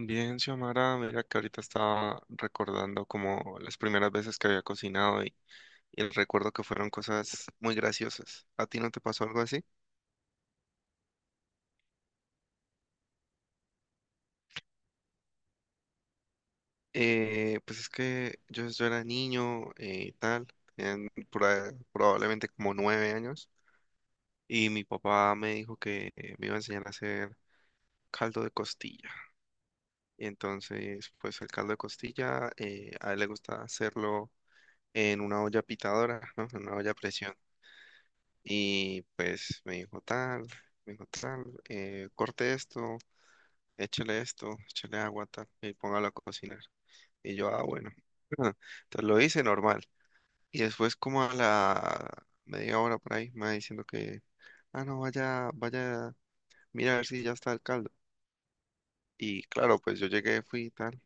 Bien, Xiomara, mira que ahorita estaba recordando como las primeras veces que había cocinado y el recuerdo que fueron cosas muy graciosas. ¿A ti no te pasó algo así? Pues es que yo era niño y tal, en, probablemente como 9 años, y mi papá me dijo que me iba a enseñar a hacer caldo de costilla. Y entonces, pues el caldo de costilla, a él le gusta hacerlo en una olla pitadora, ¿no? En una olla a presión. Y pues me dijo tal, corte esto, échale agua, tal, y póngalo a cocinar. Y yo, ah, bueno. Entonces lo hice normal. Y después como a la media hora por ahí, me va diciendo que, ah, no, vaya, vaya, mira a ver si ya está el caldo. Y claro, pues yo llegué, fui y tal,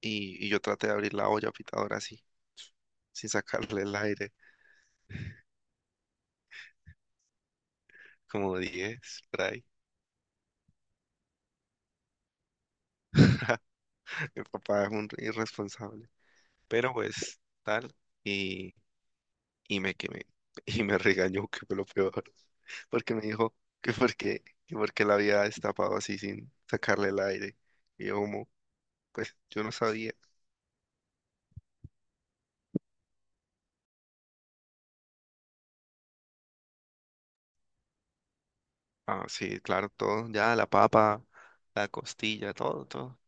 y yo traté de abrir la olla pitadora así, sin sacarle el aire, como 10 por ahí. Mi papá es un irresponsable. Pero pues tal, y, y me quemé. Y me regañó, que fue lo peor. Porque me dijo que porque la había destapado así sin sacarle el aire. Y yo como, pues yo no sabía. Ah, sí, claro, todo, ya, la papa, la costilla, todo, todo.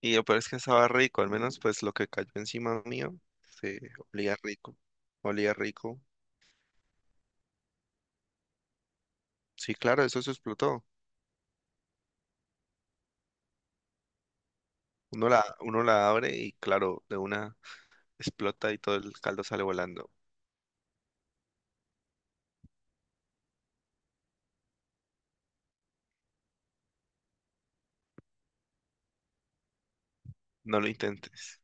Y lo peor es que estaba rico, al menos pues lo que cayó encima mío, se olía rico, olía rico. Sí, claro, eso se explotó. Uno la abre y claro, de una explota y todo el caldo sale volando. No lo intentes.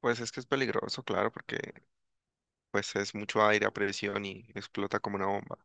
Pues es que es peligroso, claro, porque pues es mucho aire a presión y explota como una bomba.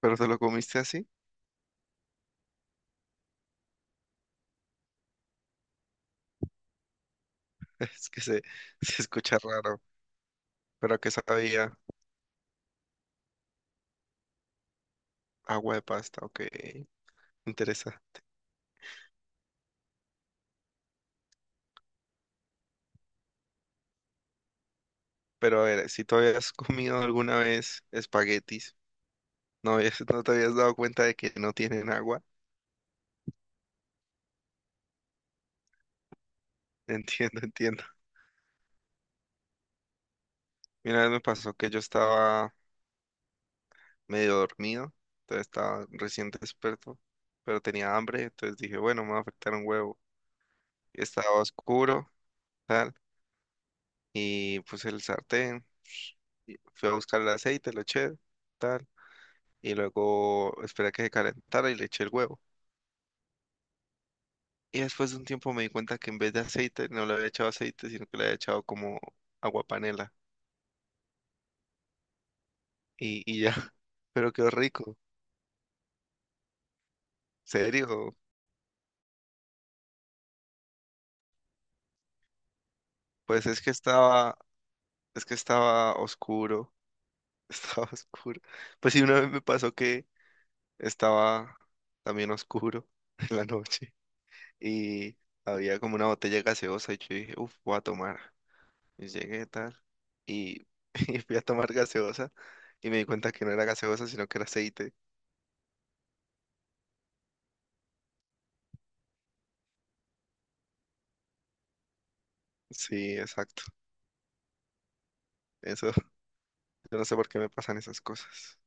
¿Pero te lo comiste así? Es que se escucha raro. ¿Pero a qué sabía? Agua de pasta, ok. Interesa. Pero a ver, si tú habías comido alguna vez espaguetis, no, habías- no te habías dado cuenta de que no tienen agua. Entiendo, entiendo. Y una vez me pasó que yo estaba medio dormido, entonces estaba recién despierto, pero tenía hambre, entonces dije, bueno, me va a afectar un huevo, estaba oscuro, tal, y puse el sartén, y fui a buscar el aceite, lo eché, tal, y luego esperé a que se calentara y le eché el huevo. Y después de un tiempo me di cuenta que en vez de aceite no le había echado aceite, sino que le había echado como agua panela y ya. Pero quedó rico, serio. Pues es que estaba oscuro, estaba oscuro. Pues sí, una vez me pasó que estaba también oscuro en la noche. Y había como una botella gaseosa y yo dije, uff, voy a tomar. Y llegué tal y, y fui a tomar gaseosa y me di cuenta que no era gaseosa, sino que era aceite. Sí, exacto. Eso, yo no sé por qué me pasan esas cosas.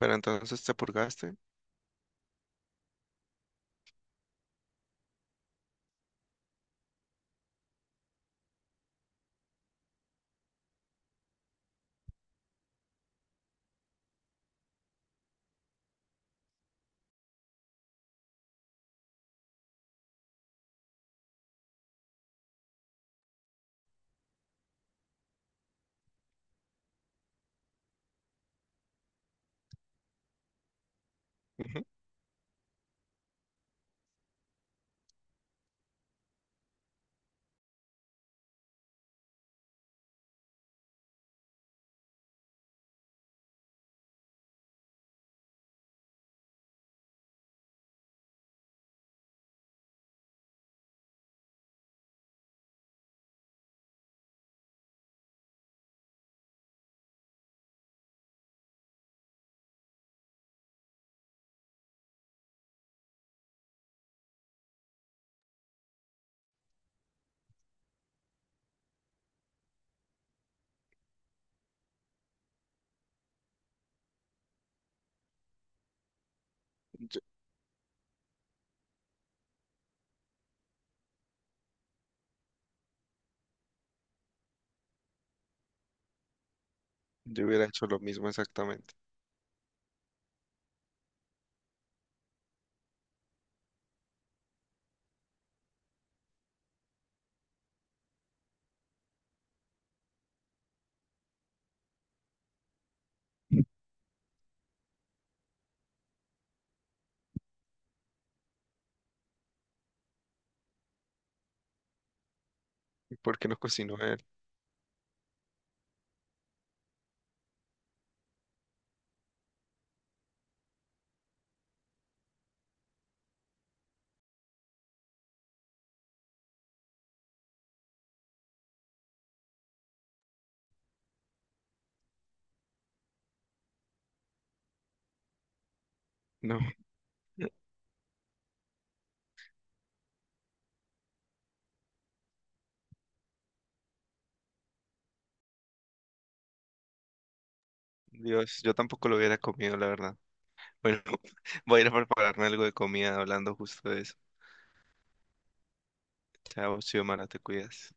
Pero entonces te purgaste. Ujú. Yo hubiera hecho lo mismo exactamente. ¿Y ¿Por qué no cocinó él? No, Dios, yo tampoco lo hubiera comido, la verdad. Bueno, voy a ir a prepararme algo de comida hablando justo de eso. Chao, Xiomara, te cuidas.